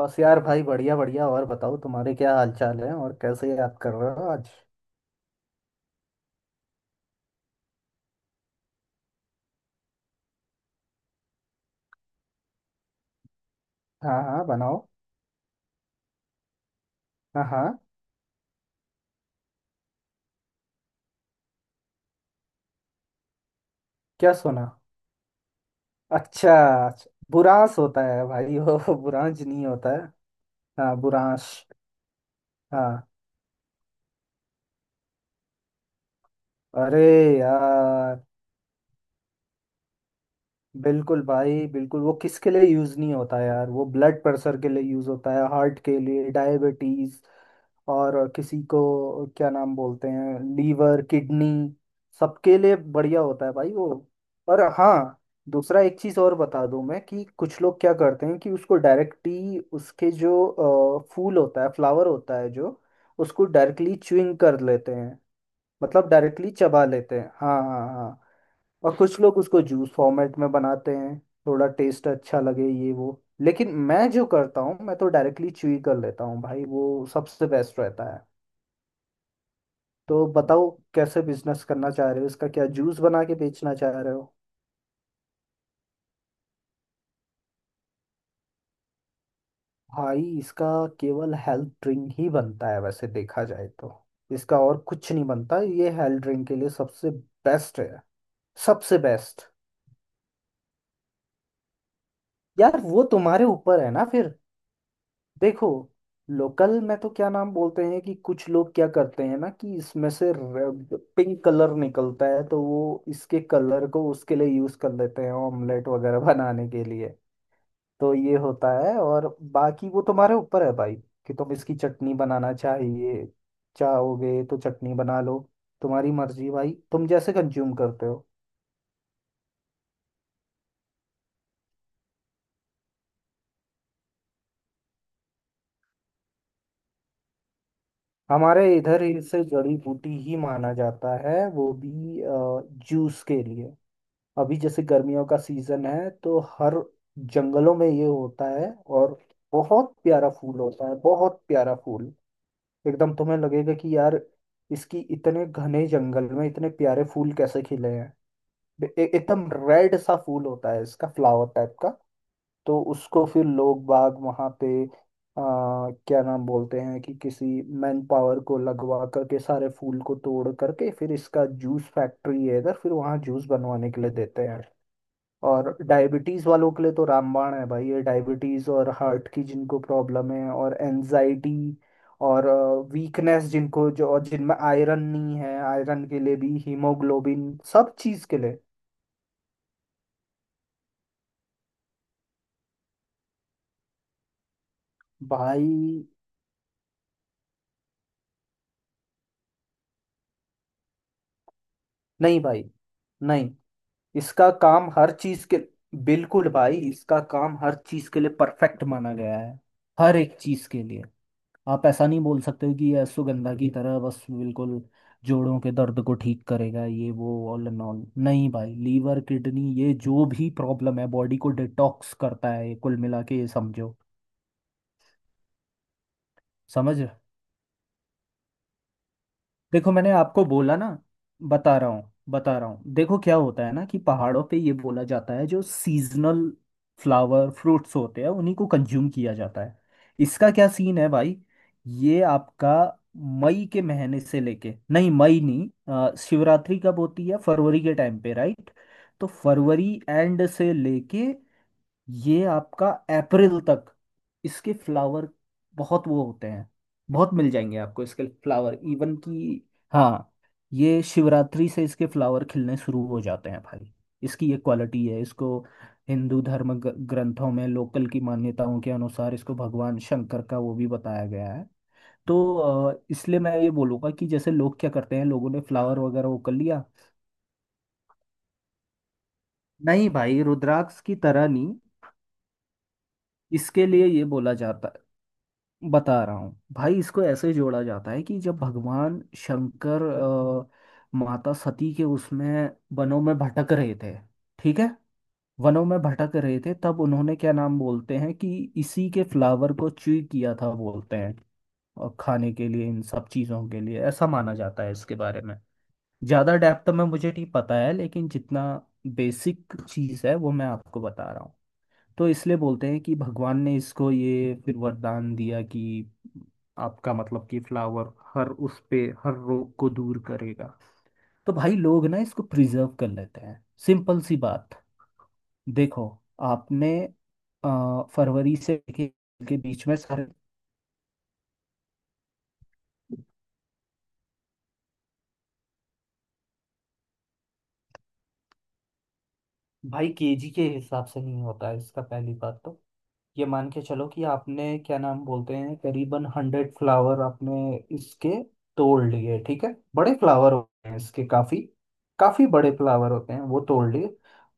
बस यार भाई बढ़िया बढ़िया। और बताओ तुम्हारे क्या हालचाल है, और कैसे याद कर रहे हो आज। हाँ हाँ, बनाओ। हाँ हाँ। क्या सुना? अच्छा। अच्छा, बुरांस होता है भाई वो बुरांस नहीं होता है। हाँ, बुरांस। हाँ। अरे। यार। बिल्कुल भाई बिल्कुल, वो किसके लिए यूज नहीं होता यार, वो ब्लड प्रेशर के लिए यूज होता है, हार्ट के लिए, डायबिटीज, और किसी को क्या नाम बोलते हैं, लीवर किडनी, सबके लिए बढ़िया होता है भाई वो। और हाँ, दूसरा एक चीज और बता दूं मैं कि कुछ लोग क्या करते हैं कि उसको डायरेक्टली उसके जो फूल होता है, फ्लावर होता है, जो उसको डायरेक्टली च्युइंग कर लेते हैं। मतलब डायरेक्टली चबा लेते हैं। हाँ हाँ हाँ। और कुछ लोग उसको जूस फॉर्मेट में बनाते हैं। थोड़ा टेस्ट अच्छा लगे ये वो, लेकिन मैं जो करता हूँ, मैं तो डायरेक्टली च्यूई कर लेता हूँ भाई, वो सबसे बेस्ट रहता है। तो बताओ कैसे बिजनेस करना चाह रहे हो इसका? क्या जूस बना के बेचना चाह रहे हो? भाई इसका केवल हेल्थ ड्रिंक ही बनता है, वैसे देखा जाए तो। इसका और कुछ नहीं बनता, ये हेल्थ ड्रिंक के लिए सबसे बेस्ट है। सबसे बेस्ट। यार वो तुम्हारे ऊपर है ना फिर। देखो, लोकल में तो क्या नाम बोलते हैं कि कुछ लोग क्या करते हैं ना कि इसमें से रेड पिंक कलर निकलता है, तो वो इसके कलर को उसके लिए यूज कर लेते हैं, ऑमलेट वगैरह बनाने के लिए। तो ये होता है। और बाकी वो तुम्हारे ऊपर है भाई कि तुम इसकी चटनी बनाना चाहिए। चाहोगे तो चटनी बना लो, तुम्हारी मर्जी भाई, तुम जैसे कंज्यूम करते हो। हमारे इधर इसे जड़ी बूटी ही माना जाता है वो भी, जूस के लिए। अभी जैसे गर्मियों का सीजन है, तो हर जंगलों में ये होता है। और बहुत प्यारा फूल होता है, बहुत प्यारा फूल। एकदम तुम्हें लगेगा कि यार, इसकी इतने घने जंगल में इतने प्यारे फूल कैसे खिले हैं। एकदम रेड सा फूल होता है इसका, फ्लावर टाइप का। तो उसको फिर लोग बाग वहाँ पे क्या नाम बोलते हैं कि किसी मैन पावर को लगवा करके सारे फूल को तोड़ करके, फिर इसका जूस फैक्ट्री है इधर, फिर वहाँ जूस बनवाने के लिए देते हैं। और डायबिटीज़ वालों के लिए तो रामबाण है भाई ये। डायबिटीज़ और हार्ट की जिनको प्रॉब्लम है, और एनजाइटी, और वीकनेस जिनको, जो और जिनमें आयरन नहीं है, आयरन के लिए भी, हीमोग्लोबिन, सब चीज़ के लिए। भाई नहीं भाई नहीं। इसका काम हर चीज़ के, बिल्कुल भाई इसका काम हर चीज़ के लिए परफेक्ट माना गया है। हर एक चीज़ के लिए। आप ऐसा नहीं बोल सकते हो कि यह सुगंधा की तरह बस बिल्कुल जोड़ों के दर्द को ठीक करेगा ये वो। All and all. नहीं भाई, लीवर किडनी ये जो भी प्रॉब्लम है, बॉडी को डिटॉक्स करता है ये, कुल मिला के ये समझो। समझ। देखो मैंने आपको बोला ना, बता रहा हूँ बता रहा हूँ। देखो क्या होता है ना कि पहाड़ों पे ये बोला जाता है, जो सीजनल फ्लावर फ्रूट्स होते हैं उन्हीं को कंज्यूम किया जाता है। इसका क्या सीन है भाई, ये आपका मई के महीने से लेके, नहीं मई नहीं, शिवरात्रि कब होती है, फरवरी के टाइम पे, राइट। तो फरवरी एंड से लेके ये आपका अप्रैल तक इसके फ्लावर बहुत वो होते हैं, बहुत मिल जाएंगे आपको इसके फ्लावर, इवन कि हाँ, ये शिवरात्रि से इसके फ्लावर खिलने शुरू हो जाते हैं भाई। इसकी ये क्वालिटी है। इसको हिंदू धर्म ग्रंथों में लोकल की मान्यताओं के अनुसार इसको भगवान शंकर का वो भी बताया गया है। तो इसलिए मैं ये बोलूँगा कि जैसे लोग क्या करते हैं, लोगों ने फ्लावर वगैरह वो कर लिया। नहीं भाई, रुद्राक्ष की तरह नहीं। इसके लिए ये बोला जाता, बता रहा हूँ भाई, इसको ऐसे जोड़ा जाता है कि जब भगवान शंकर माता सती के उसमें वनों में भटक रहे थे, ठीक है, वनों में भटक रहे थे, तब उन्होंने क्या नाम बोलते हैं कि इसी के फ्लावर को च्यूई किया था, बोलते हैं। और खाने के लिए इन सब चीज़ों के लिए ऐसा माना जाता है। इसके बारे में ज़्यादा डेप्थ में मुझे नहीं पता है, लेकिन जितना बेसिक चीज़ है वो मैं आपको बता रहा हूँ। तो इसलिए बोलते हैं कि भगवान ने इसको ये फिर वरदान दिया कि आपका मतलब कि फ्लावर हर उस पे हर रोग को दूर करेगा। तो भाई लोग ना इसको प्रिजर्व कर लेते हैं, सिंपल सी बात। देखो, आपने फरवरी से के बीच में सारे, भाई केजी के हिसाब से नहीं होता है इसका, पहली बात तो। ये मान के चलो कि आपने क्या नाम बोलते हैं, करीबन 100 फ्लावर आपने इसके तोड़ लिए, ठीक है? बड़े फ्लावर होते हैं इसके, काफी काफी बड़े फ्लावर होते हैं, वो तोड़ लिए।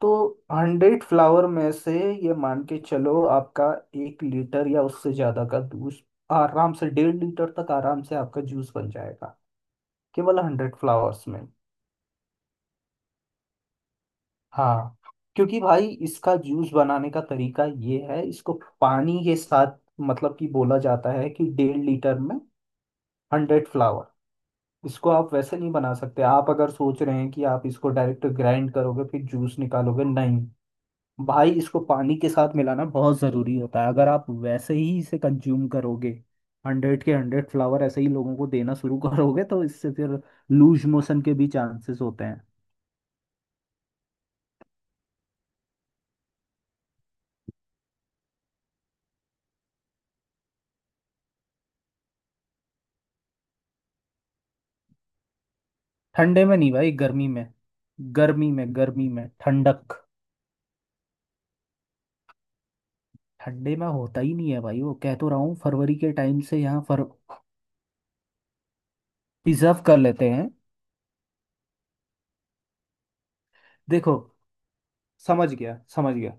तो 100 फ्लावर में से ये मान के चलो आपका 1 लीटर या उससे ज्यादा का जूस, आराम से 1.5 लीटर तक आराम से आपका जूस बन जाएगा, केवल 100 फ्लावर्स में। हाँ। क्योंकि भाई इसका जूस बनाने का तरीका ये है, इसको पानी के साथ, मतलब कि बोला जाता है कि 1.5 लीटर में 100 फ्लावर। इसको आप वैसे नहीं बना सकते। आप अगर सोच रहे हैं कि आप इसको डायरेक्ट ग्राइंड करोगे फिर जूस निकालोगे, नहीं भाई, इसको पानी के साथ मिलाना बहुत ज़रूरी होता है। अगर आप वैसे ही इसे कंज्यूम करोगे, 100 के 100 फ्लावर ऐसे ही लोगों को देना शुरू करोगे, तो इससे फिर लूज मोशन के भी चांसेस होते हैं। ठंडे में नहीं भाई, गर्मी में। गर्मी में, गर्मी में ठंडक। ठंडे में होता ही नहीं है भाई वो, कह तो रहा हूँ फरवरी के टाइम से यहाँ फर, प्रिजर्व कर लेते हैं। देखो, समझ गया समझ गया,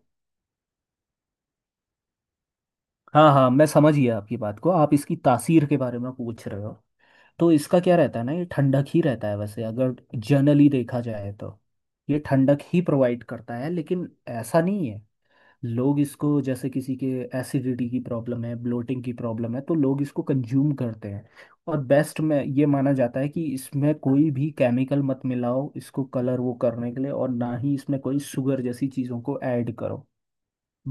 हाँ हाँ मैं समझ गया आपकी बात को, आप इसकी तासीर के बारे में पूछ रहे हो। तो इसका क्या रहता है ना, ये ठंडक ही रहता है वैसे अगर जनरली देखा जाए तो। ये ठंडक ही प्रोवाइड करता है, लेकिन ऐसा नहीं है। लोग इसको, जैसे किसी के एसिडिटी की प्रॉब्लम है, ब्लोटिंग की प्रॉब्लम है, तो लोग इसको कंज्यूम करते हैं। और बेस्ट में ये माना जाता है कि इसमें कोई भी केमिकल मत मिलाओ, इसको कलर वो करने के लिए, और ना ही इसमें कोई शुगर जैसी चीज़ों को ऐड करो।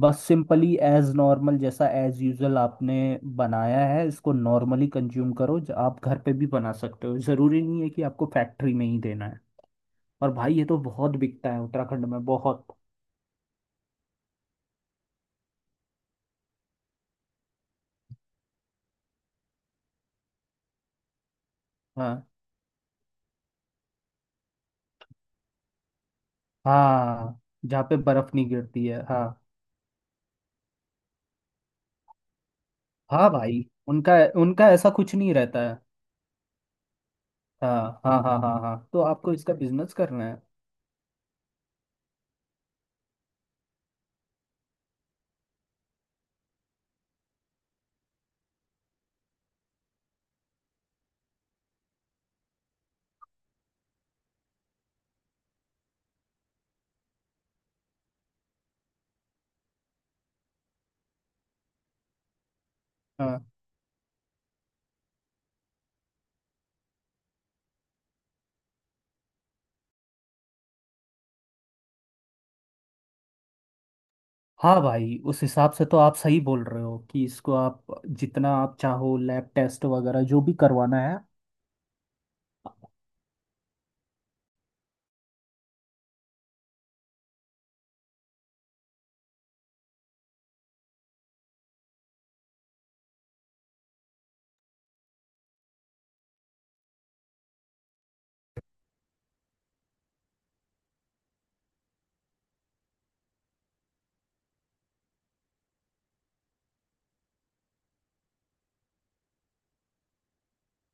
बस सिंपली एज नॉर्मल, जैसा एज यूजल आपने बनाया है, इसको नॉर्मली कंज्यूम करो। आप घर पे भी बना सकते हो, ज़रूरी नहीं है कि आपको फैक्ट्री में ही देना है। और भाई ये तो बहुत बिकता है उत्तराखंड में, बहुत। हाँ। हाँ, जहाँ पे बर्फ नहीं गिरती है, हाँ। हाँ भाई उनका, उनका ऐसा कुछ नहीं रहता है। हाँ हाँ हाँ हाँ हाँ, तो आपको इसका बिजनेस करना है। हाँ हाँ भाई, उस हिसाब से तो आप सही बोल रहे हो कि इसको आप जितना आप चाहो लैब टेस्ट वगैरह जो भी करवाना है।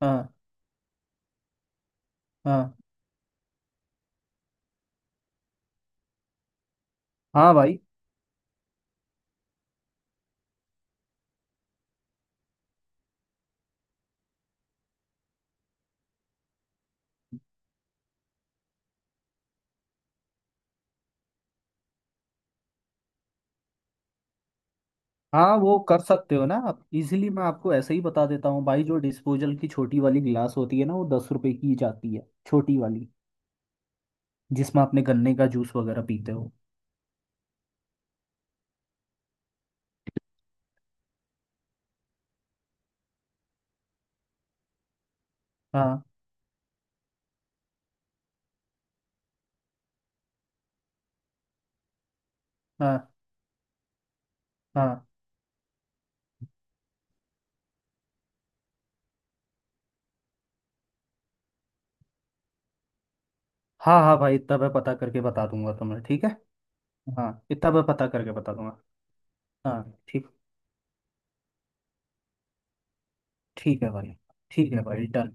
हाँ। हाँ। हाँ भाई। हाँ, वो कर सकते हो ना आप इजीली, मैं आपको ऐसे ही बता देता हूँ भाई, जो डिस्पोजल की छोटी वाली गिलास होती है ना, वो 10 रुपए की ही जाती है, छोटी वाली, जिसमें आपने गन्ने का जूस वगैरह पीते हो। हाँ। हाँ। हाँ। हाँ, हाँ भाई इतना मैं पता करके बता दूंगा तुम्हें, ठीक है। हाँ, इतना मैं पता करके बता दूंगा। हाँ ठीक। ठीक है भाई। ठीक है भाई, डन।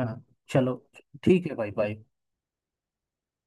हाँ। चलो, ठीक है भाई, बाय।